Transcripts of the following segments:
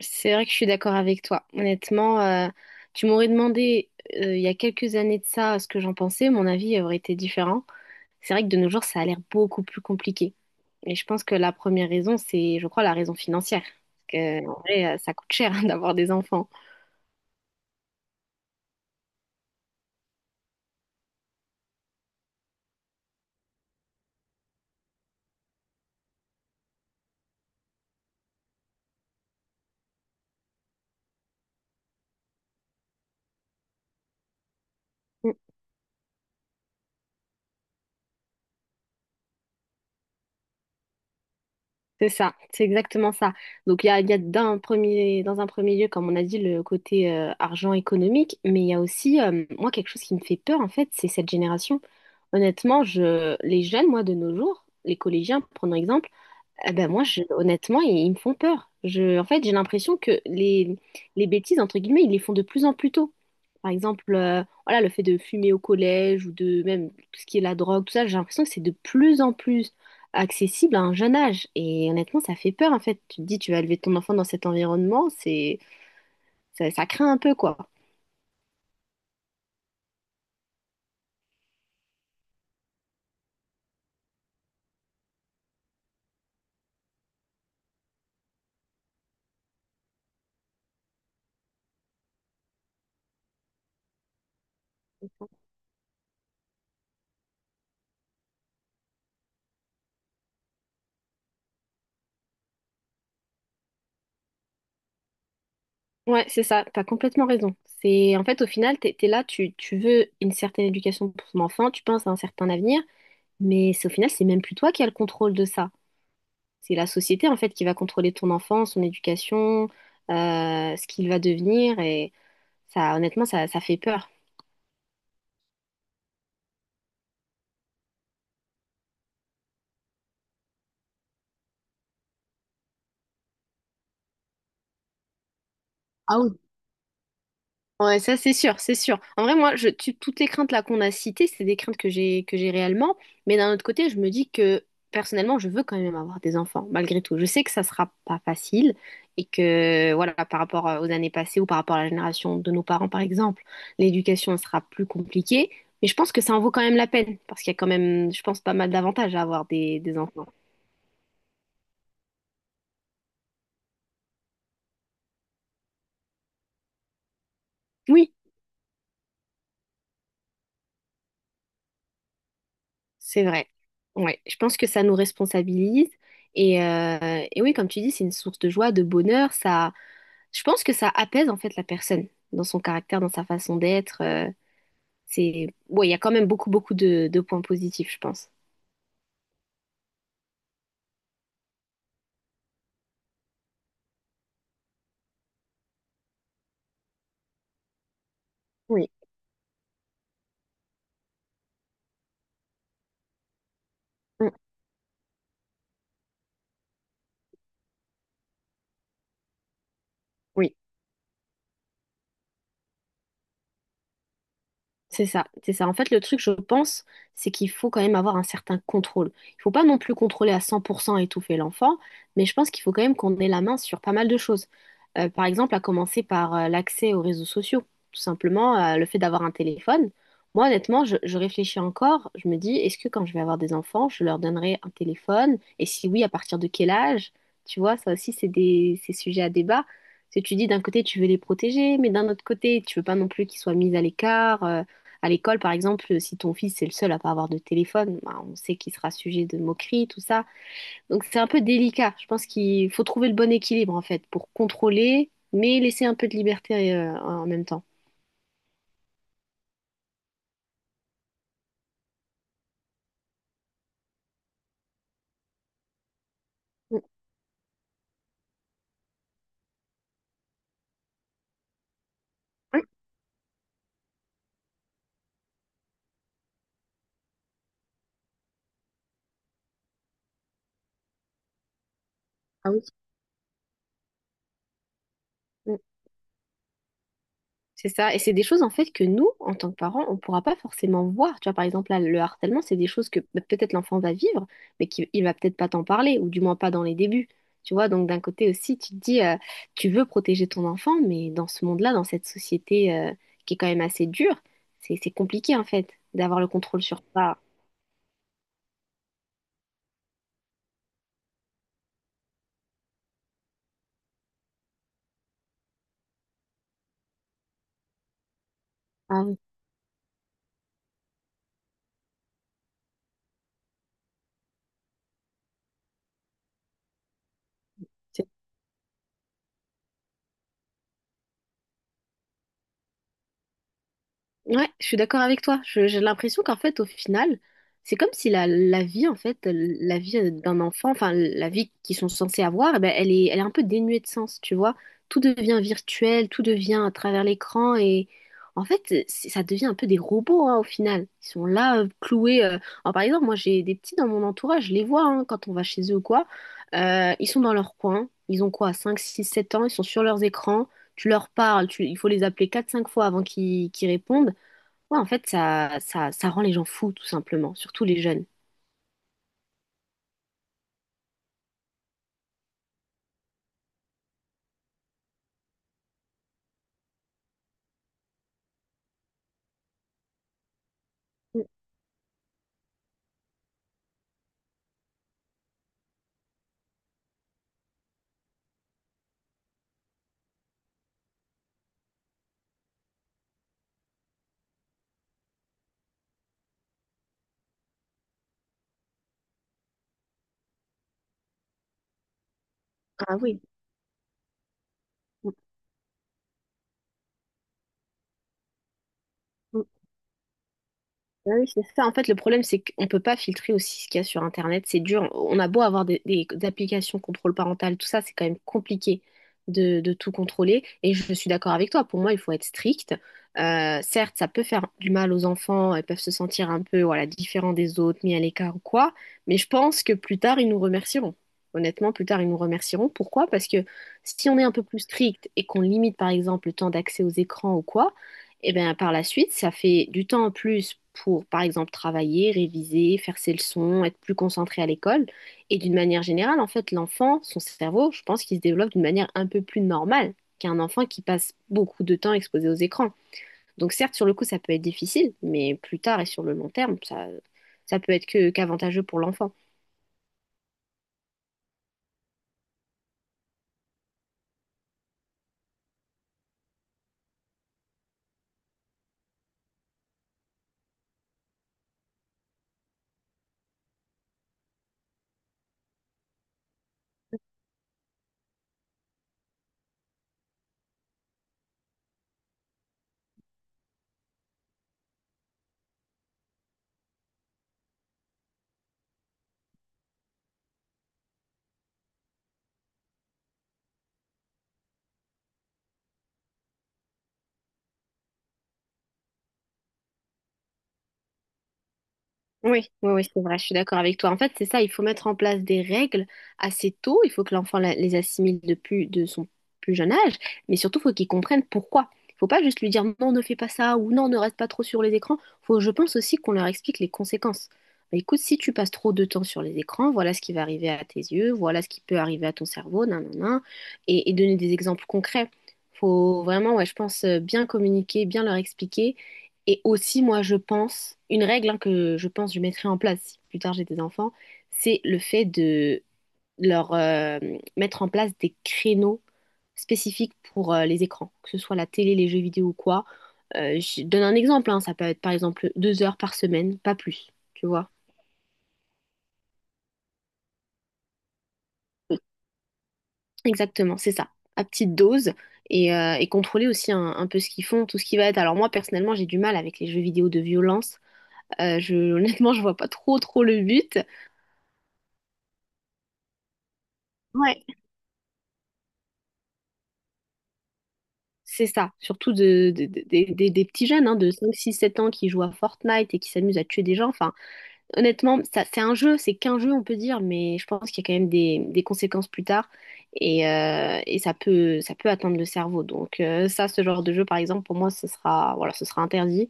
C'est vrai que je suis d'accord avec toi. Honnêtement, tu m'aurais demandé il y a quelques années de ça ce que j'en pensais, mon avis aurait été différent. C'est vrai que de nos jours, ça a l'air beaucoup plus compliqué. Et je pense que la première raison, c'est, je crois, la raison financière. Parce que, en vrai, ça coûte cher d'avoir des enfants. C'est ça, c'est exactement ça. Donc il y a dans un premier lieu, comme on a dit, le côté argent économique, mais il y a aussi, moi, quelque chose qui me fait peur, en fait, c'est cette génération. Honnêtement, je, les jeunes, moi, de nos jours, les collégiens, prenons exemple, ah ben moi, honnêtement, ils me font peur. Je, en fait, j'ai l'impression que les bêtises, entre guillemets, ils les font de plus en plus tôt. Par exemple, voilà, le fait de fumer au collège ou de même tout ce qui est la drogue, tout ça, j'ai l'impression que c'est de plus en plus accessible à un jeune âge. Et honnêtement, ça fait peur, en fait. Tu te dis, tu vas élever ton enfant dans cet environnement, ça craint un peu, quoi. Ouais, c'est ça, t'as complètement raison. C'est en fait au final, t'es là, tu veux une certaine éducation pour ton enfant, tu penses à un certain avenir, mais c'est au final, c'est même plus toi qui as le contrôle de ça. C'est la société en fait qui va contrôler ton enfant, son éducation, ce qu'il va devenir, et ça, honnêtement, ça fait peur. Ouais, ça c'est sûr, c'est sûr. En vrai, moi, toutes les craintes là qu'on a citées, c'est des craintes que j'ai réellement. Mais d'un autre côté, je me dis que personnellement, je veux quand même avoir des enfants, malgré tout. Je sais que ça sera pas facile et que voilà, par rapport aux années passées ou par rapport à la génération de nos parents, par exemple, l'éducation sera plus compliquée. Mais je pense que ça en vaut quand même la peine parce qu'il y a quand même, je pense, pas mal d'avantages à avoir des enfants. Oui. C'est vrai. Ouais, je pense que ça nous responsabilise. Et oui, comme tu dis, c'est une source de joie, de bonheur. Ça, je pense que ça apaise en fait la personne dans son caractère, dans sa façon d'être. C'est, ouais, il y a quand même beaucoup, beaucoup de points positifs, je pense. Oui. Mm. Oui. C'est ça, c'est ça. En fait, le truc, je pense, c'est qu'il faut quand même avoir un certain contrôle. Il faut pas non plus contrôler à 100% et étouffer l'enfant, mais je pense qu'il faut quand même qu'on ait la main sur pas mal de choses. Par exemple, à commencer par l'accès aux réseaux sociaux. Tout simplement, le fait d'avoir un téléphone. Moi, honnêtement, je réfléchis encore. Je me dis, est-ce que quand je vais avoir des enfants, je leur donnerai un téléphone? Et si oui, à partir de quel âge? Tu vois, ça aussi, c'est sujet à débat. Parce que tu dis, d'un côté, tu veux les protéger, mais d'un autre côté, tu veux pas non plus qu'ils soient mis à l'écart. À l'école, par exemple, si ton fils est le seul à pas avoir de téléphone, bah, on sait qu'il sera sujet de moqueries, tout ça. Donc c'est un peu délicat. Je pense qu'il faut trouver le bon équilibre en fait pour contrôler, mais laisser un peu de liberté en même temps. Mm. Ouais. Ah oui. C'est ça, et c'est des choses en fait que nous, en tant que parents, on ne pourra pas forcément voir. Tu vois, par exemple, là, le harcèlement, c'est des choses que bah, peut-être l'enfant va vivre, mais qu'il il va peut-être pas t'en parler, ou du moins pas dans les débuts. Tu vois, donc d'un côté aussi, tu te dis, tu veux protéger ton enfant, mais dans ce monde-là, dans cette société qui est quand même assez dure, c'est compliqué en fait d'avoir le contrôle sur ça. Ah oui. Ouais, je suis d'accord avec toi. J'ai l'impression qu'en fait, au final, c'est comme si la vie, en fait, la vie d'un enfant, enfin, la vie qu'ils sont censés avoir, eh ben, elle est un peu dénuée de sens, tu vois. Tout devient virtuel, tout devient à travers l'écran et en fait, ça devient un peu des robots, hein, au final. Ils sont là, cloués. Alors, par exemple, moi, j'ai des petits dans mon entourage, je les vois hein, quand on va chez eux ou quoi. Ils sont dans leur coin. Ils ont quoi, 5 6 7 ans, ils sont sur leurs écrans. Tu leur parles, il faut les appeler quatre cinq fois avant qu'ils répondent. Ouais, en fait, ça rend les gens fous, tout simplement, surtout les jeunes. Mm. Ah oui. Mm. Ah oui, c'est ça. En fait, le problème, c'est qu'on ne peut pas filtrer aussi ce qu'il y a sur Internet. C'est dur. On a beau avoir des applications contrôle parental, tout ça, c'est quand même compliqué de, tout contrôler. Et je suis d'accord avec toi. Pour moi, il faut être strict. Certes, ça peut faire du mal aux enfants. Ils peuvent se sentir un peu, voilà, différents des autres, mis à l'écart ou quoi. Mais je pense que plus tard, ils nous remercieront. Honnêtement, plus tard, ils nous remercieront. Pourquoi? Parce que si on est un peu plus strict et qu'on limite, par exemple, le temps d'accès aux écrans ou quoi, et bien, par la suite, ça fait du temps en plus pour, par exemple, travailler, réviser, faire ses leçons, être plus concentré à l'école. Et d'une manière générale, en fait, l'enfant, son cerveau, je pense qu'il se développe d'une manière un peu plus normale qu'un enfant qui passe beaucoup de temps exposé aux écrans. Donc, certes, sur le coup, ça peut être difficile, mais plus tard et sur le long terme, ça peut être qu'avantageux pour l'enfant. Oui, oui, oui, c'est vrai, je suis d'accord avec toi. En fait, c'est ça, il faut mettre en place des règles assez tôt, il faut que l'enfant les assimile depuis de son plus jeune âge, mais surtout, il faut qu'il comprenne pourquoi. Il faut pas juste lui dire non, ne fais pas ça ou non, ne reste pas trop sur les écrans. Faut, je pense aussi qu'on leur explique les conséquences. Bah, écoute, si tu passes trop de temps sur les écrans, voilà ce qui va arriver à tes yeux, voilà ce qui peut arriver à ton cerveau, nan, nan, nan, et donner des exemples concrets. Faut vraiment, ouais, je pense, bien communiquer, bien leur expliquer et aussi, moi, je pense, une règle hein, que je pense que je mettrai en place si plus tard j'ai des enfants, c'est le fait de leur mettre en place des créneaux spécifiques pour les écrans, que ce soit la télé, les jeux vidéo ou quoi. Je donne un exemple, hein, ça peut être par exemple 2 heures par semaine, pas plus, tu vois. Exactement, c'est ça, à petite dose et contrôler aussi un peu ce qu'ils font, tout ce qui va être. Alors moi personnellement j'ai du mal avec les jeux vidéo de violence. Honnêtement je vois pas trop trop le but. Ouais. C'est ça, surtout des petits jeunes hein, de 5 6 7 ans qui jouent à Fortnite et qui s'amusent à tuer des gens. Enfin, honnêtement, ça, c'est un jeu, c'est qu'un jeu, on peut dire, mais je pense qu'il y a quand même des conséquences plus tard et ça peut atteindre le cerveau. Donc ça, ce genre de jeu, par exemple, pour moi, ce sera, voilà, ce sera interdit.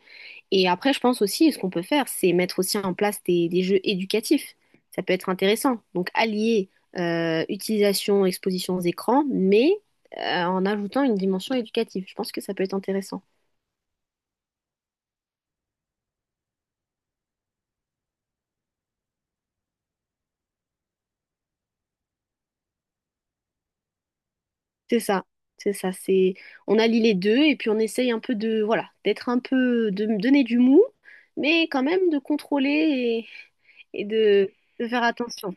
Et après, je pense aussi, ce qu'on peut faire, c'est mettre aussi en place des jeux éducatifs. Ça peut être intéressant. Donc allier utilisation, exposition aux écrans, mais en ajoutant une dimension éducative. Je pense que ça peut être intéressant. C'est ça, c'est ça, c'est on allie les deux et puis on essaye un peu de voilà, d'être un peu de me donner du mou, mais quand même de contrôler et, et de, de faire attention.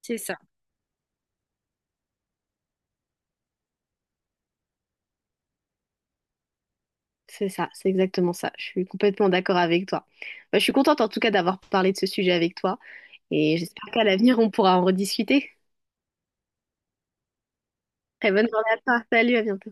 C'est ça. C'est ça, c'est exactement ça. Je suis complètement d'accord avec toi. Bah, je suis contente en tout cas d'avoir parlé de ce sujet avec toi et j'espère qu'à l'avenir on pourra en rediscuter. Très bonne journée à toi. Salut, à bientôt.